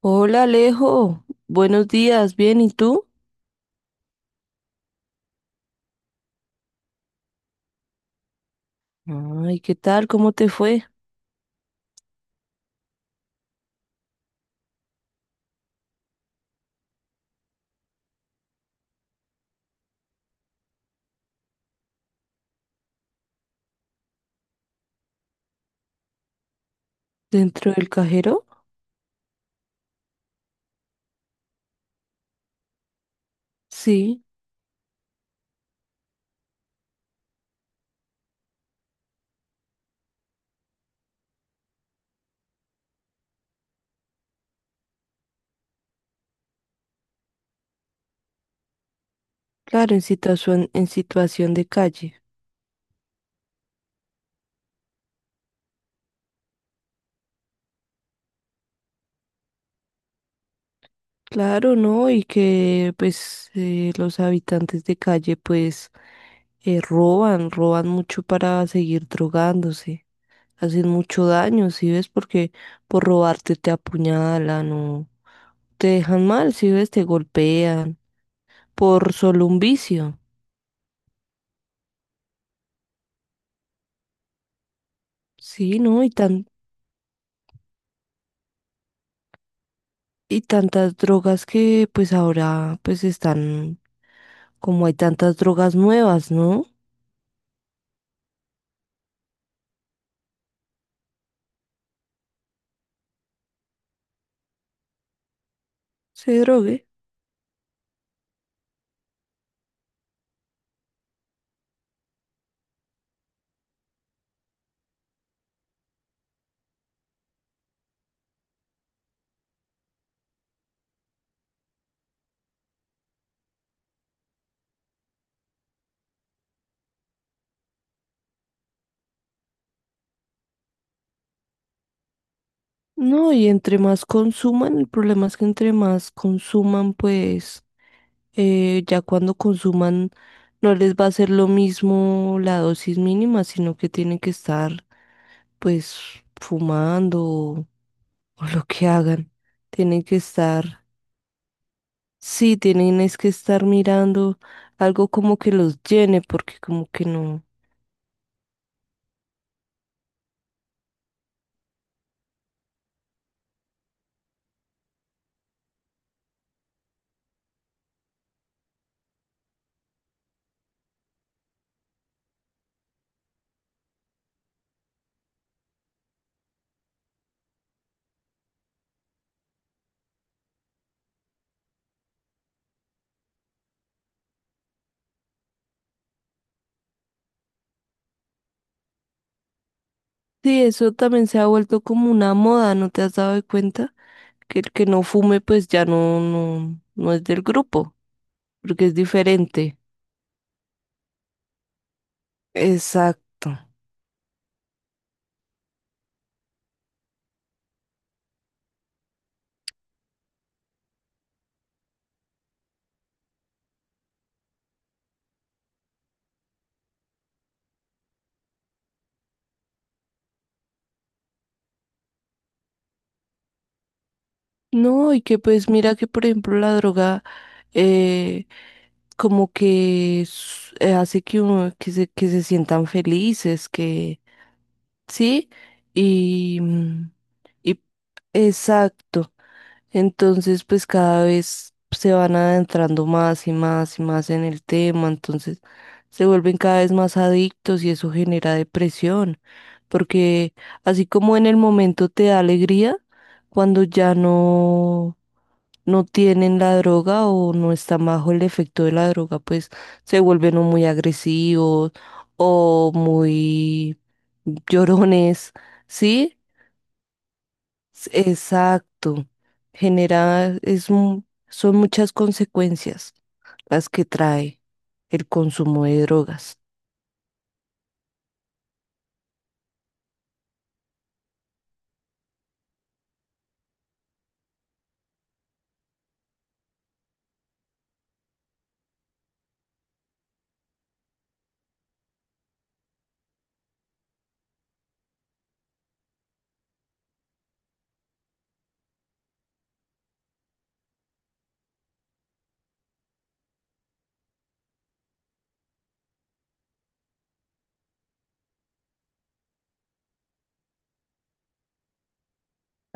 Hola Alejo, buenos días, bien, ¿y tú? Ay, ¿qué tal? ¿Cómo te fue? ¿Dentro del cajero? Sí, claro, en situación de calle. Claro, ¿no? Y que pues los habitantes de calle pues roban, roban mucho para seguir drogándose, hacen mucho daño, ¿sí ves? Porque por robarte te apuñalan o te dejan mal, ¿sí ves? Te golpean por solo un vicio. Sí, ¿no? Y tan, y tantas drogas que pues ahora pues están, como hay tantas drogas nuevas, ¿no? Se drogue. No, y entre más consuman, el problema es que entre más consuman, pues ya cuando consuman no les va a ser lo mismo la dosis mínima, sino que tienen que estar pues fumando o lo que hagan. Tienen que estar, sí, tienen es que estar mirando algo como que los llene, porque como que no. Sí, eso también se ha vuelto como una moda, ¿no te has dado cuenta? Que el que no fume pues ya no, no, no es del grupo, porque es diferente. Exacto. No, y que pues mira que por ejemplo la droga eh, como que hace que uno que se sientan felices, que sí, y, mm, y Exacto. Entonces, pues cada vez se van adentrando más y más y más en el tema, entonces se vuelven cada vez más adictos y eso genera depresión, porque así como en el momento te da alegría, cuando ya no, no tienen la droga o no están bajo el efecto de la droga, pues se vuelven o muy agresivos o muy llorones, ¿sí? Exacto. Genera, es, mu- son muchas consecuencias las que trae el consumo de drogas.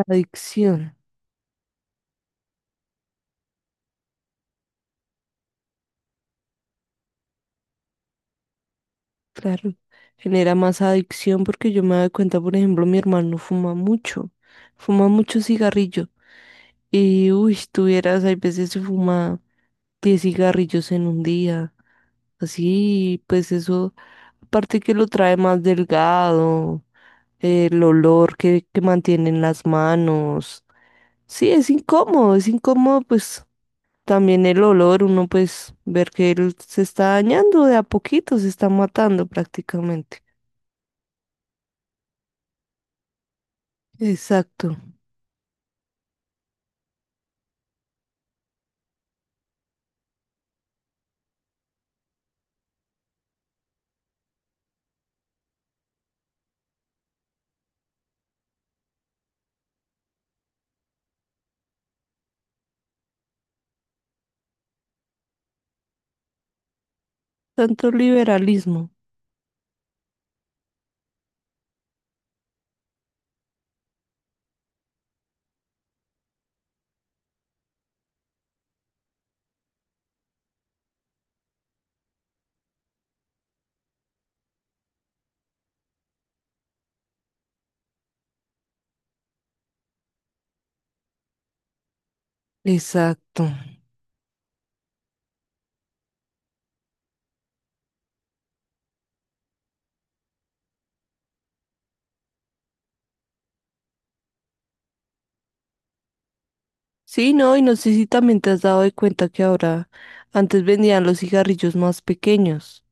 Adicción, claro. Genera más adicción porque yo me doy cuenta, por ejemplo, mi hermano fuma mucho cigarrillo. Y, uy, tuvieras, hay veces se fuma 10 cigarrillos en un día. Así, pues eso, aparte que lo trae más delgado, el olor que mantiene en las manos. Sí, es incómodo, pues también el olor, uno pues ver que él se está dañando de a poquito, se está matando prácticamente. Exacto, tanto liberalismo. Exacto. Sí, no, y no sé si también te has dado de cuenta que ahora, antes vendían los cigarrillos más pequeños,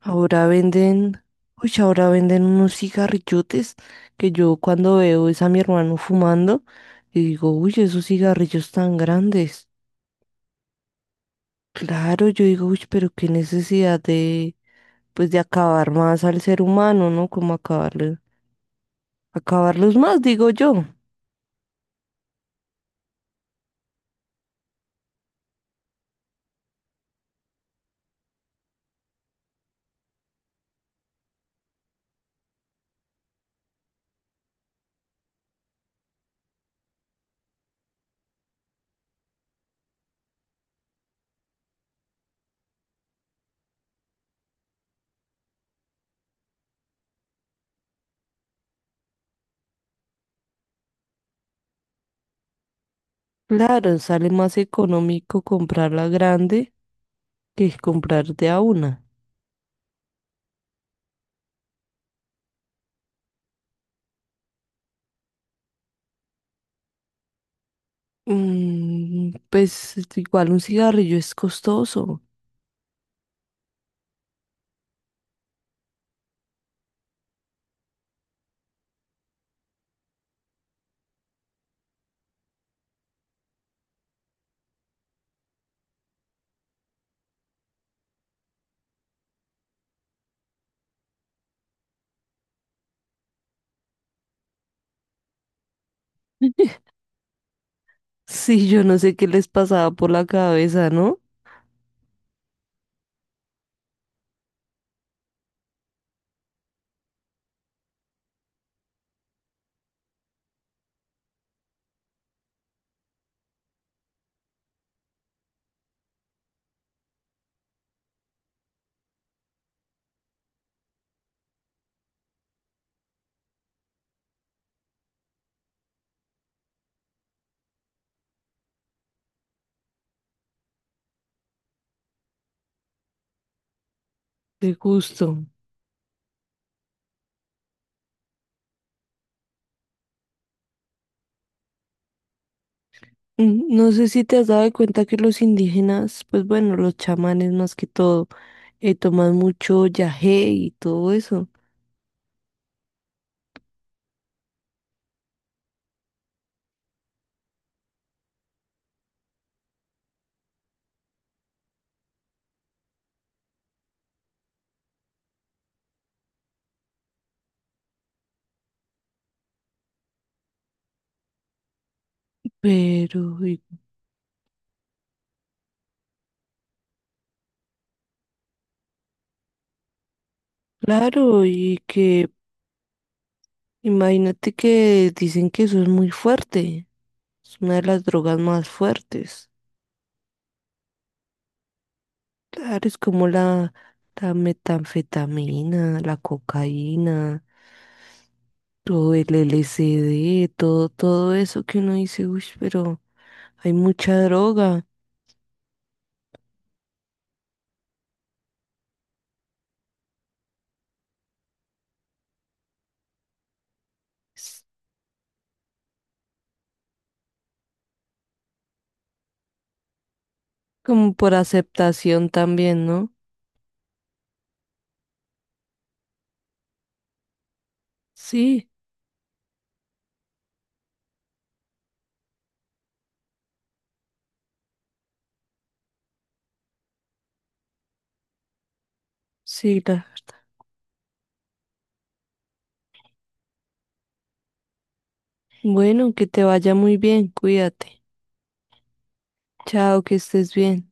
ahora venden, uy, ahora venden unos cigarrillotes que yo cuando veo es a mi hermano fumando y digo, uy, esos cigarrillos tan grandes. Claro, yo digo, uy, pero qué necesidad de, pues, de acabar más al ser humano, ¿no? Como acabarle, acabarlos más, digo yo. Claro, sale más económico comprar la grande que comprar de a una. Mm, pues igual un cigarrillo es costoso. Sí, yo no sé qué les pasaba por la cabeza, ¿no? De gusto. Mm, no sé si te has dado de cuenta que los indígenas, pues bueno, los chamanes más que todo, toman mucho yagé y todo eso. Pero, y claro, y que imagínate que dicen que eso es muy fuerte, es una de las drogas más fuertes. Claro, es como la metanfetamina, la cocaína, todo el LSD, todo, todo eso que uno dice, uy, pero hay mucha droga. Es como por aceptación también, ¿no? Sí, sí, la- Bueno, que te vaya muy bien, cuídate. Chao, que estés bien.